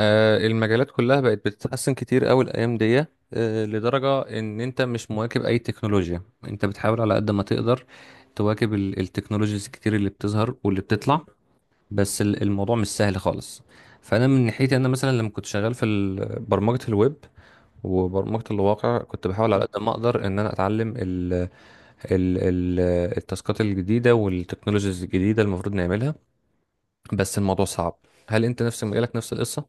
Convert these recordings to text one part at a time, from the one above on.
المجالات كلها بقت بتتحسن كتير قوي الايام دي. لدرجه ان انت مش مواكب اي تكنولوجيا، انت بتحاول على قد ما تقدر تواكب التكنولوجيز الكتير اللي بتظهر واللي بتطلع. بس الموضوع مش سهل خالص. فانا من ناحيتي، انا مثلا لما كنت شغال في برمجه الويب وبرمجه الواقع، كنت بحاول على قد ما اقدر ان انا اتعلم ال التاسكات الجديده والتكنولوجيز الجديده المفروض نعملها. بس الموضوع صعب. هل انت نفس مجالك نفس القصه؟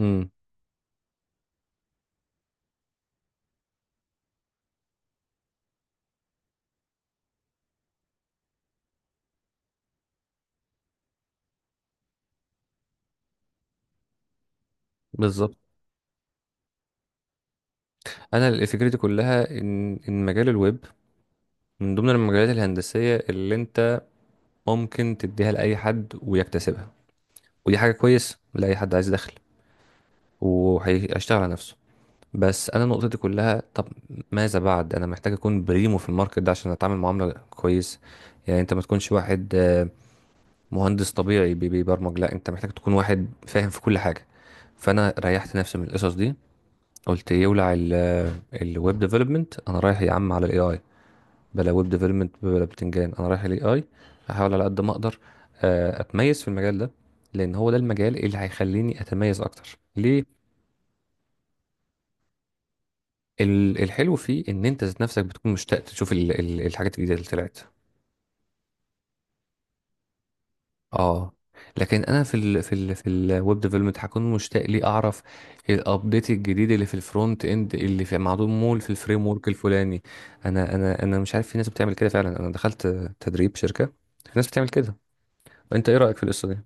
امم. بالظبط. انا اللي فكرتي كلها ان مجال الويب من ضمن المجالات الهندسيه اللي انت ممكن تديها لاي حد ويكتسبها، ودي حاجه كويس لاي حد عايز دخل وهيشتغل على نفسه. بس انا نقطتي كلها، طب ماذا بعد؟ انا محتاج اكون بريمو في الماركت ده عشان اتعامل معامله كويس. يعني انت ما تكونش واحد مهندس طبيعي بيبرمج، لا، انت محتاج تكون واحد فاهم في كل حاجه. فانا ريحت نفسي من القصص دي. قلت يولع الويب ديفلوبمنت، انا رايح يا عم على الاي اي. بلا ويب ديفلوبمنت بلا بتنجان، انا رايح الاي اي. احاول على قد ما اقدر اتميز في المجال ده، لان هو ده المجال اللي هيخليني اتميز اكتر ليه. الحلو فيه ان انت ذات نفسك بتكون مشتاق تشوف الحاجات الجديده اللي طلعت. اه، لكن انا في الويب ديفلوبمنت هكون مشتاق لي اعرف الابديت الجديد اللي في الفرونت اند، اللي في معمول في الفريم ورك الفلاني. انا مش عارف، في ناس بتعمل كده فعلا. انا دخلت تدريب شركه، في ناس بتعمل كده. انت ايه رايك في القصه دي؟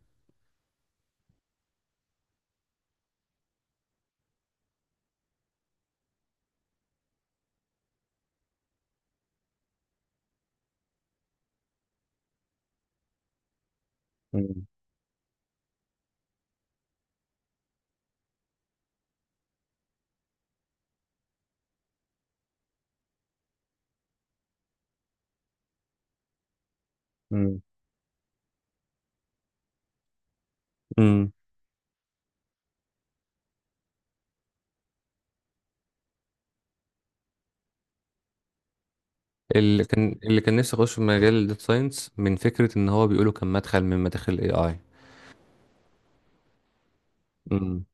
مم. امم. اللي كان نفسي اخش في مجال الداتا ساينس من فكره ان هو بيقولوا كان مدخل من مداخل الاي اي. امم.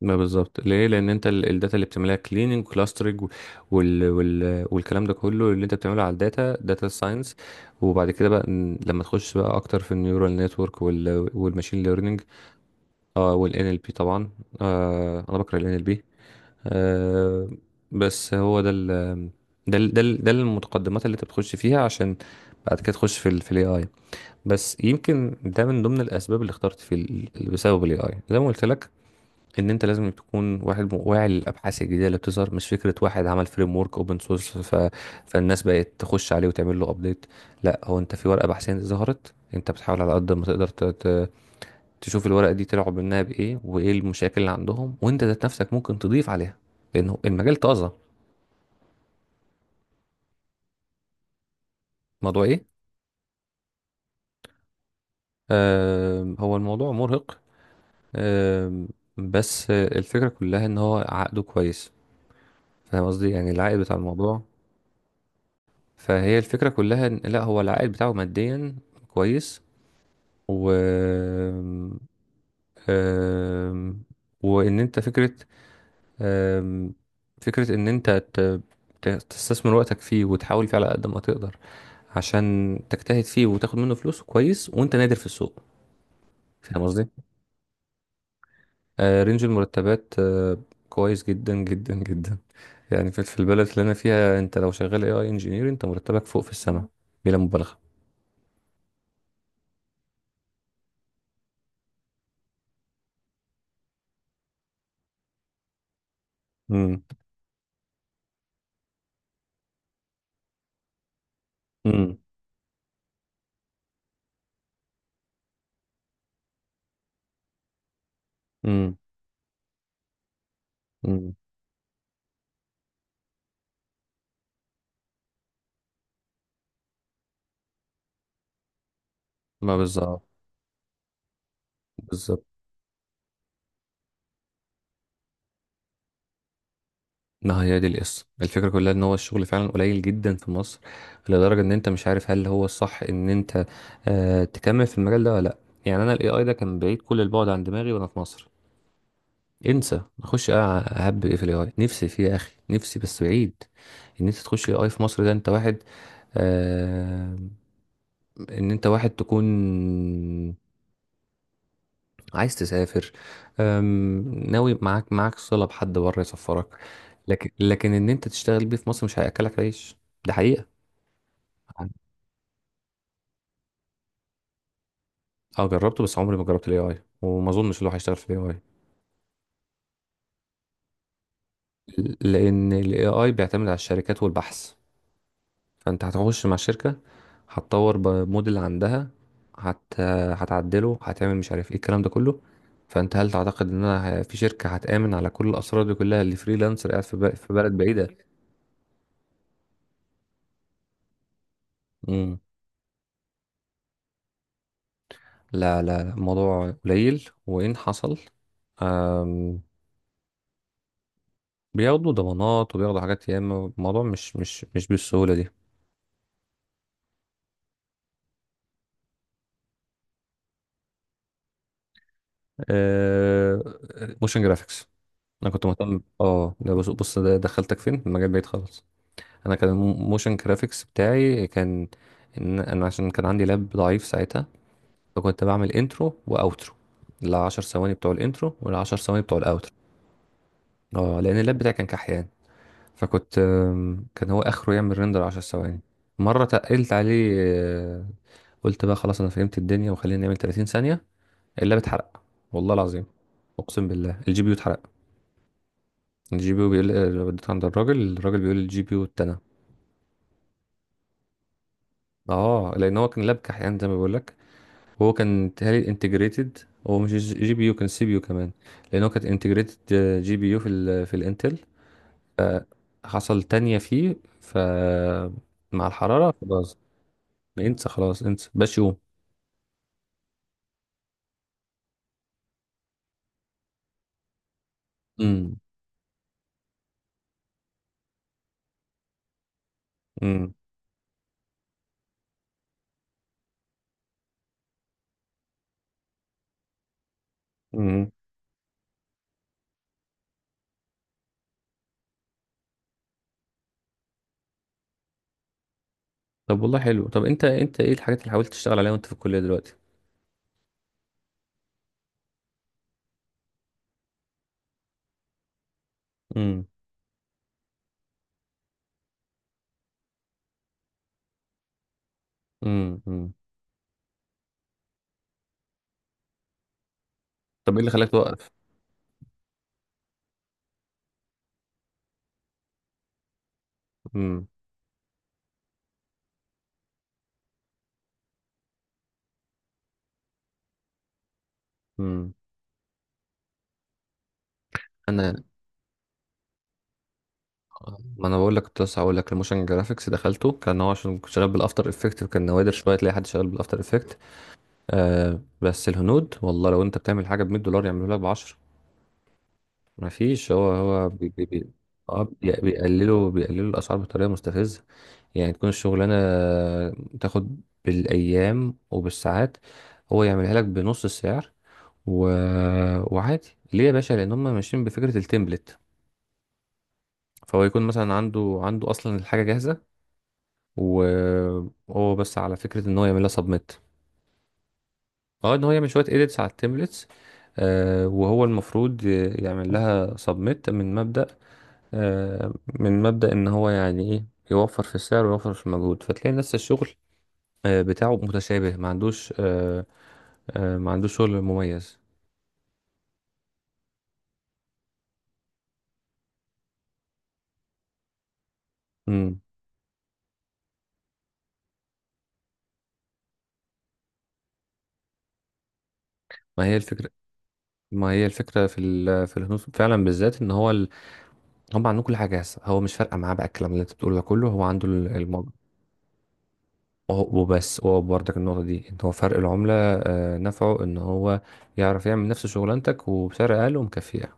ما بالظبط، ليه؟ لان انت الداتا اللي بتعملها كليننج، كلاسترنج، والكلام ده كله اللي انت بتعمله على الداتا، داتا ساينس. وبعد كده بقى لما تخش بقى اكتر في النيورال نتورك والماشين ليرنينج. اه، والان ال بي طبعا. آه، انا بكره الان ال بي. آه. بس هو ده المتقدمات اللي انت بتخش فيها عشان بعد كده تخش في الاي اي. بس يمكن ده من ضمن الاسباب اللي اخترت اللي بسبب الاي اي، زي ما قلت لك، ان انت لازم تكون واحد واعي للابحاث الجديده اللي بتظهر، مش فكره واحد عمل فريم ورك اوبن سورس. فالناس بقت تخش عليه وتعمل له ابديت. لا، هو انت في ورقه بحثيه ظهرت، انت بتحاول على قد ما تقدر تشوف الورقه دي طلعوا منها بايه وايه المشاكل اللي عندهم، وانت ذات نفسك ممكن تضيف عليها، لانه المجال طازه. الموضوع ايه؟ هو الموضوع مرهق. آه... بس الفكره كلها ان هو عقده كويس. فاهم قصدي؟ يعني العائد بتاع الموضوع. فهي الفكرة كلها إن لا، هو العائد بتاعه ماديا كويس، و آم، وإن أنت فكرة، آم، فكرة إن أنت تستثمر وقتك فيه وتحاول فيه على قد ما تقدر، عشان تجتهد فيه وتاخد منه فلوس كويس وأنت نادر في السوق. فاهم قصدي؟ رينج المرتبات كويس جدا جدا جدا. يعني في البلد اللي أنا فيها، أنت لو شغال AI engineer، أنت مرتبك فوق في السماء، بلا مبالغة. امم. امم. امم. امم. ما بالظبط. بالظبط. ما هي دي القصه، الفكره كلها ان هو الشغل فعلا قليل جدا في مصر، لدرجه ان انت مش عارف هل هو الصح ان انت تكمل في المجال ده ولا لا. يعني انا الاي اي ده كان بعيد كل البعد عن دماغي وانا في مصر. انسى اخش اهب ايه في الاي اي. نفسي فيه يا اخي، نفسي، بس بعيد ان انت تخش الاي اي في مصر. ده انت واحد آه ان انت واحد تكون عايز تسافر. ناوي معاك صلة بحد بره يسفرك. لكن ان انت تشتغل بيه في مصر مش هياكلك عيش. ده حقيقة. اه، جربته بس عمري ما جربت الاي اي، وما اظنش اللي هو هيشتغل في الاي اي. لان الاي اي بيعتمد على الشركات والبحث. فانت هتخش مع الشركة، هتطور بموديل عندها، هت... هتعدله، هتعمل مش عارف ايه الكلام ده كله. فانت هل تعتقد ان انا في شركة هتآمن على كل الاسرار دي كلها، اللي فريلانسر قاعد في بلد بعيدة؟ لا لا لا، الموضوع قليل، وإن حصل أم بياخدوا ضمانات وبياخدوا حاجات ياما. الموضوع مش بالسهولة دي. أه، موشن جرافيكس. أنا كنت مهتم، اه، ده بص بص ده دخلتك فين، المجال بعيد خالص. أنا كان الموشن جرافيكس بتاعي كان إن أنا عشان كان عندي لاب ضعيف ساعتها، فكنت بعمل انترو وأوترو. العشر ثواني بتوع الانترو والعشر ثواني بتوع الأوترو. اه، لأن اللاب بتاعي كان كحيان. فكنت كان هو اخره يعمل ريندر 10 ثواني. مره تقلت عليه، قلت بقى خلاص انا فهمت الدنيا وخلينا نعمل 30 ثانيه. اللاب اتحرق، والله العظيم. اقسم بالله، الجي بي يو اتحرق. الجي بي يو بيقول وديت عند الراجل، الراجل بيقول الجي بي يو اتنى. اه، لان هو كان لاب كحيان زي ما بقول لك، وهو كان تهيألي انتجريتد. هو مش جي بي يو، كان سي بي يو كمان، لان هو كان انتجريتد جي بي يو في الانتل. فحصل تانية فيه، ف مع الحرارة خلاص. انسى خلاص، انسى بشو. امم. امم. امم. طب والله حلو. طب انت ايه الحاجات اللي حاولت تشتغل عليها وانت في الكلية دلوقتي؟ امم. امم. امم. طب ايه اللي خلاك توقف؟ امم. امم. انا، ما انا بقول لك، كنت لسه هقول لك الموشن جرافيكس دخلته، كان هو عشان كنت شغال بالافتر افكت. كان نوادر شويه تلاقي حد شغال بالافتر افكت. آه، بس الهنود والله لو انت بتعمل حاجه ب $100، يعملوا لك ب 10. ما فيش. هو بي بي بي بيقللوا الاسعار بطريقه مستفزه. يعني تكون الشغلانة تاخد بالأيام وبالساعات، هو يعملها لك بنص السعر و... وعادي. ليه يا باشا؟ لأن هم ماشيين بفكرة التمبلت. فهو يكون مثلا عنده أصلا الحاجة جاهزة. وهو بس على فكرة إن هو يعملها سبميت، اه، إن هو يعمل شوية إيديتس على التمبلتس. آه، وهو المفروض يعمل لها سبميت من مبدأ، آه من مبدأ إن هو يعني إيه، يوفر في السعر ويوفر في المجهود. فتلاقي نفس الشغل بتاعه متشابه، ما عندوش ما عندوش شغل مميز. امم. ما هي الفكره. ما هي الفكره في الهنود فعلا، بالذات ان هو هم عندهم كل حاجه جاهزه. هو مش فارقه معاه بقى الكلام اللي انت بتقوله ده كله، هو عنده الموضوع. وبس هو برضك النقطه دي ان هو فرق العمله نفعه ان هو يعرف يعمل نفس شغلانتك وبسعر اقل ومكفيه.